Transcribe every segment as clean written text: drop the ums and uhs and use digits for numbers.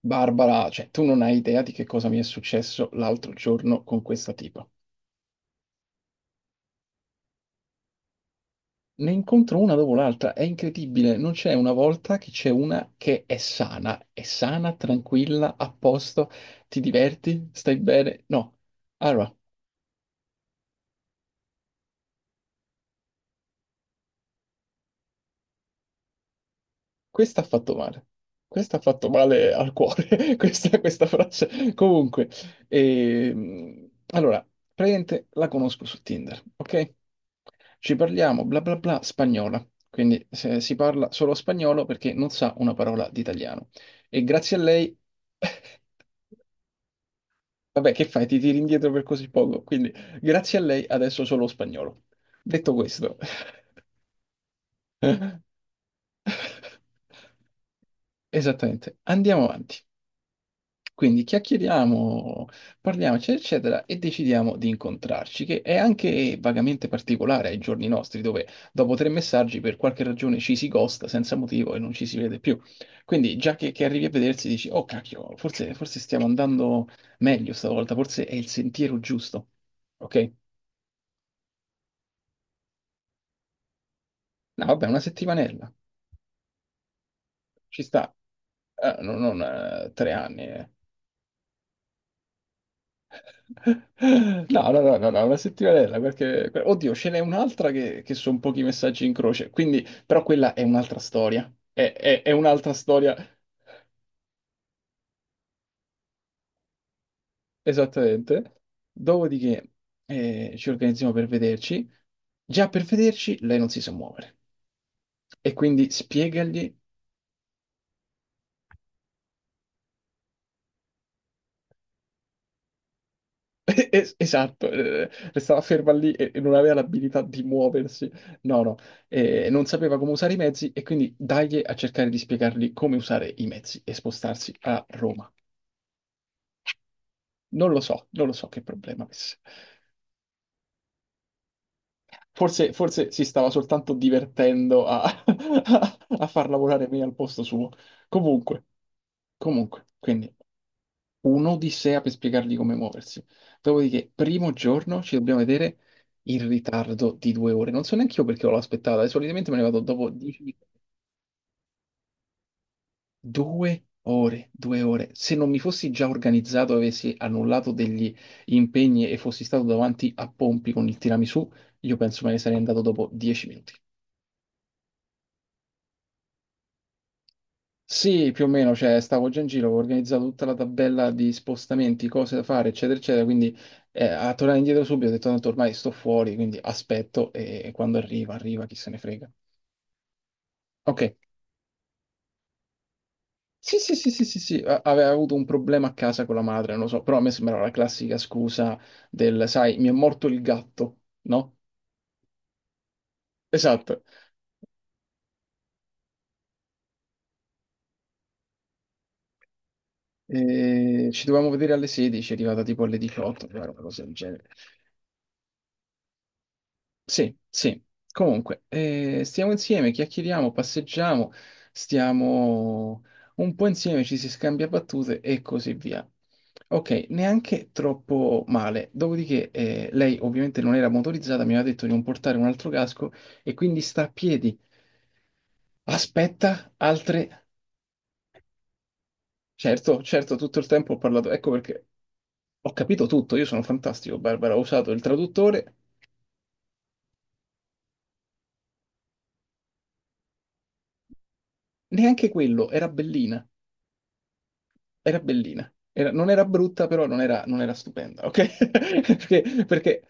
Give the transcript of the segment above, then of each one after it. Barbara, cioè tu non hai idea di che cosa mi è successo l'altro giorno con questa tipa. Ne incontro una dopo l'altra, è incredibile, non c'è una volta che c'è una che è sana, tranquilla, a posto, ti diverti, stai bene. No. Allora, questa ha fatto male. Questa ha fatto male al cuore, questa frase. Comunque, allora, praticamente la conosco su Tinder, ok? Ci parliamo, bla bla bla, spagnola. Quindi si parla solo spagnolo perché non sa una parola di italiano. E grazie a lei. Vabbè, che fai? Ti tiri indietro per così poco. Quindi, grazie a lei adesso solo spagnolo. Detto questo. Esattamente, andiamo avanti. Quindi chiacchieriamo, parliamoci, eccetera, e decidiamo di incontrarci, che è anche vagamente particolare ai giorni nostri, dove dopo 3 messaggi per qualche ragione ci si ghosta senza motivo e non ci si vede più. Quindi già che, arrivi a vedersi dici, oh cacchio, forse, forse stiamo andando meglio stavolta, forse è il sentiero giusto. Ok? No, vabbè, una settimanella, ci sta. Non, 3 anni. No, no, no, no, no, una settimanella, perché Oddio, ce n'è un'altra che, sono pochi messaggi in croce, quindi. Però quella è un'altra storia. È un'altra storia, esattamente. Dopodiché ci organizziamo per vederci. Già per vederci lei non si sa muovere. E quindi spiegagli. Esatto. Restava ferma lì e non aveva l'abilità di muoversi, no, no. Non sapeva come usare i mezzi e quindi dagli a cercare di spiegargli come usare i mezzi e spostarsi a Roma. Non lo so, non lo so che problema avesse. Forse, forse si stava soltanto divertendo a, a far lavorare me al posto suo. Comunque, comunque, quindi, un'odissea per spiegargli come muoversi. Dopodiché, primo giorno ci dobbiamo vedere in ritardo di 2 ore. Non so neanche io perché l'ho aspettata, e solitamente me ne vado dopo 10 minuti. 2 ore, 2 ore. Se non mi fossi già organizzato, avessi annullato degli impegni e fossi stato davanti a Pompi con il tiramisù, io penso me ne sarei andato dopo 10 minuti. Sì, più o meno, cioè stavo già in giro, avevo organizzato tutta la tabella di spostamenti, cose da fare, eccetera, eccetera, quindi a tornare indietro subito ho detto tanto ormai sto fuori, quindi aspetto e quando arriva, arriva, chi se ne frega. Ok, sì, sì, sì, sì, sì, sì, aveva avuto un problema a casa con la madre, non lo so, però a me sembrava la classica scusa del, sai, mi è morto il gatto, no? Esatto, e ci dovevamo vedere alle 16, è arrivata tipo alle 18, era una cosa del genere. Sì, sì. Comunque, stiamo insieme, chiacchieriamo, passeggiamo, stiamo un po' insieme, ci si scambia battute e così via. Ok, neanche troppo male. Dopodiché, lei ovviamente non era motorizzata, mi aveva detto di non portare un altro casco e quindi sta a piedi. Aspetta, altre. Certo, certo, tutto il tempo ho parlato, ecco perché ho capito tutto, io sono fantastico, Barbara, ho usato il traduttore, neanche quello, era bellina. Era bellina. Non era brutta, però non era, non era stupenda, ok? Perché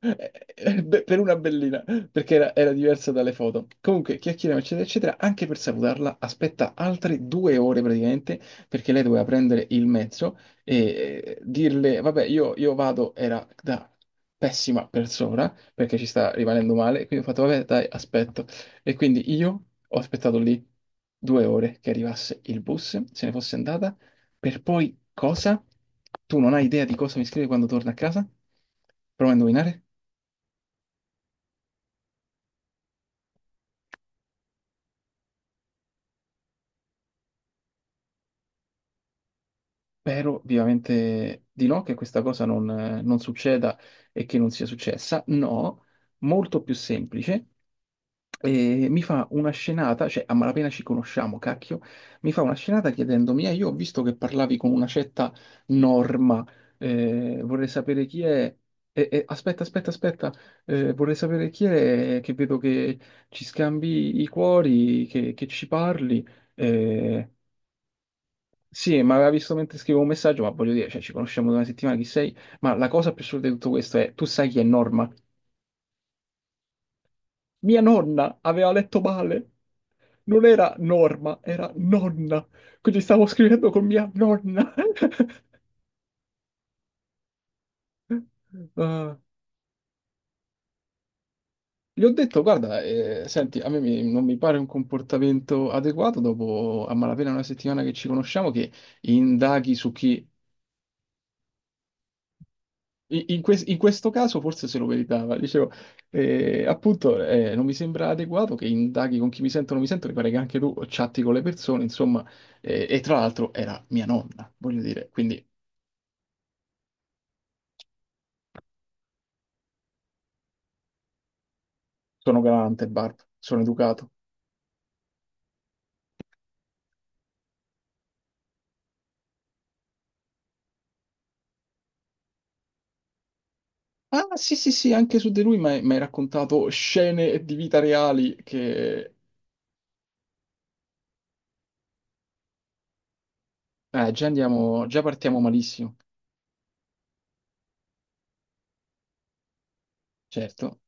beh, per una bellina, perché era diversa dalle foto. Comunque, chiacchieriamo, eccetera, eccetera. Anche per salutarla, aspetta altre 2 ore praticamente, perché lei doveva prendere il mezzo e dirle, vabbè, io vado, era da pessima persona, perché ci sta rimanendo male, quindi ho fatto, vabbè, dai, aspetto. E quindi io ho aspettato lì 2 ore che arrivasse il bus, se ne fosse andata per poi cosa? Tu non hai idea di cosa mi scrive quando torna a casa? Prova a indovinare? Spero vivamente di no, che questa cosa non, non succeda e che non sia successa. No, molto più semplice. E mi fa una scenata, cioè a malapena ci conosciamo, cacchio, mi fa una scenata chiedendomi, io ho visto che parlavi con una certa Norma, vorrei sapere chi è. Aspetta, aspetta, aspetta. Vorrei sapere chi è, che vedo che ci scambi i cuori, che ci parli. Eh, sì, ma aveva visto mentre scrivevo un messaggio, ma voglio dire, cioè, ci conosciamo da una settimana, chi sei? Ma la cosa più assurda di tutto questo è, tu sai chi è Norma? Mia nonna aveva letto male. Non era norma, era nonna. Quindi stavo scrivendo con mia nonna. Ah, gli ho detto, guarda, senti, a me non mi pare un comportamento adeguato dopo a malapena una settimana che ci conosciamo, che indaghi su chi. In questo caso forse se lo meritava. Dicevo, appunto, non mi sembra adeguato che indaghi con chi mi sento o non mi sento, mi pare che anche tu chatti con le persone, insomma, e tra l'altro era mia nonna, voglio dire, quindi sono galante, Barb, sono educato. Ah, sì, sì, sì, anche su di lui mi hai raccontato scene di vita reali che. Già andiamo, già partiamo malissimo, certo.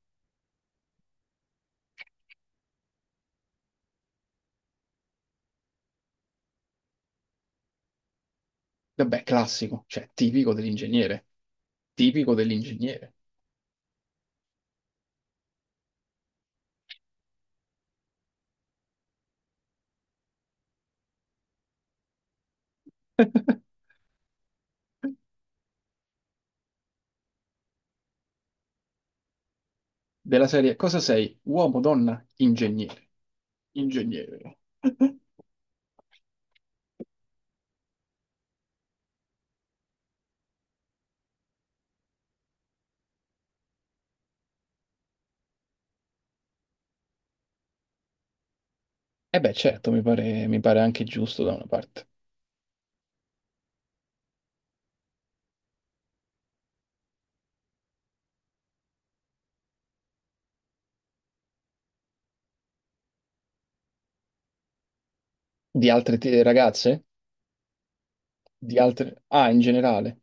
Vabbè, classico, cioè tipico dell'ingegnere, tipico dell'ingegnere. Della serie cosa sei? Uomo, donna, ingegnere. Ingegnere. E beh, certo, mi pare anche giusto da una parte. Di altre ragazze? Di altre. Ah, in generale.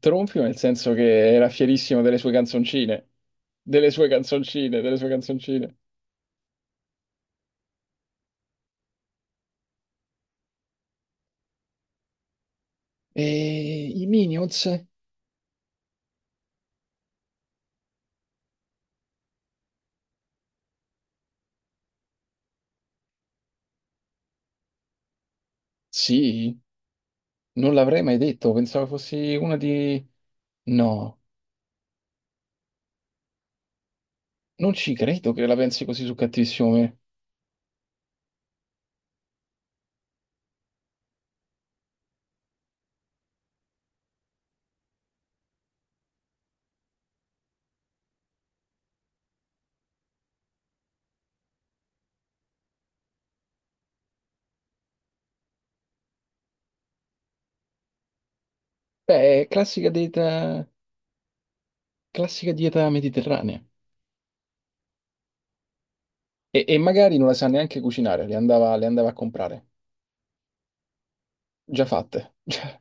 Tronfio nel senso che era fierissimo delle sue canzoncine. Delle sue canzoncine, delle sue canzoncine. E i Minions? Sì, non l'avrei mai detto. Pensavo fossi una di. No, non ci credo che la pensi così su Cattivissimo Me. Beh, è classica dei, classica dieta mediterranea. E magari non la sa neanche cucinare, le andava a comprare, già fatte. Cioè,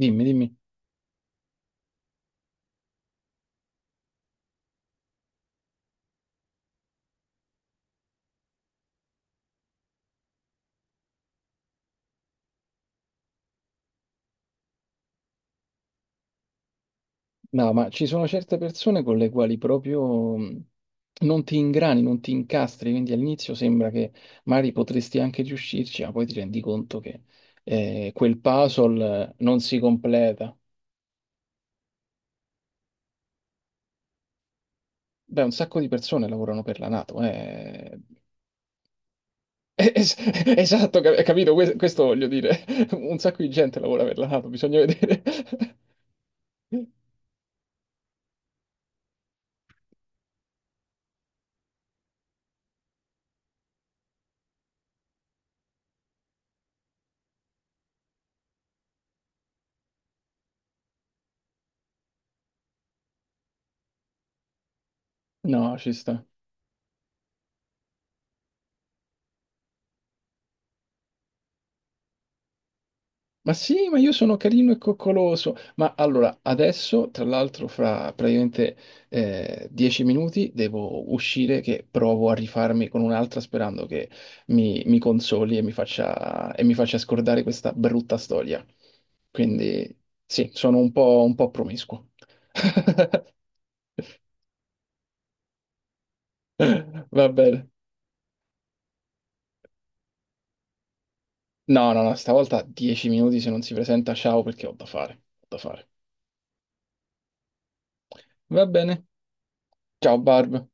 dimmi, dimmi. No, ma ci sono certe persone con le quali proprio non ti ingrani, non ti incastri, quindi all'inizio sembra che magari potresti anche riuscirci, ma poi ti rendi conto che quel puzzle non si completa. Beh, un sacco di persone lavorano per la NATO, eh. Es- esatto, capito? Questo voglio dire. Un sacco di gente lavora per la NATO, bisogna vedere. No, ci sta. Ma sì, ma io sono carino e coccoloso. Ma allora, adesso, tra l'altro, fra praticamente 10 minuti devo uscire che provo a rifarmi con un'altra sperando che mi consoli e mi faccia scordare questa brutta storia. Quindi sì, sono un po' promiscuo. Va bene. No, no, no, stavolta 10 minuti se non si presenta, ciao perché ho da fare, ho da fare. Va bene. Ciao Barb.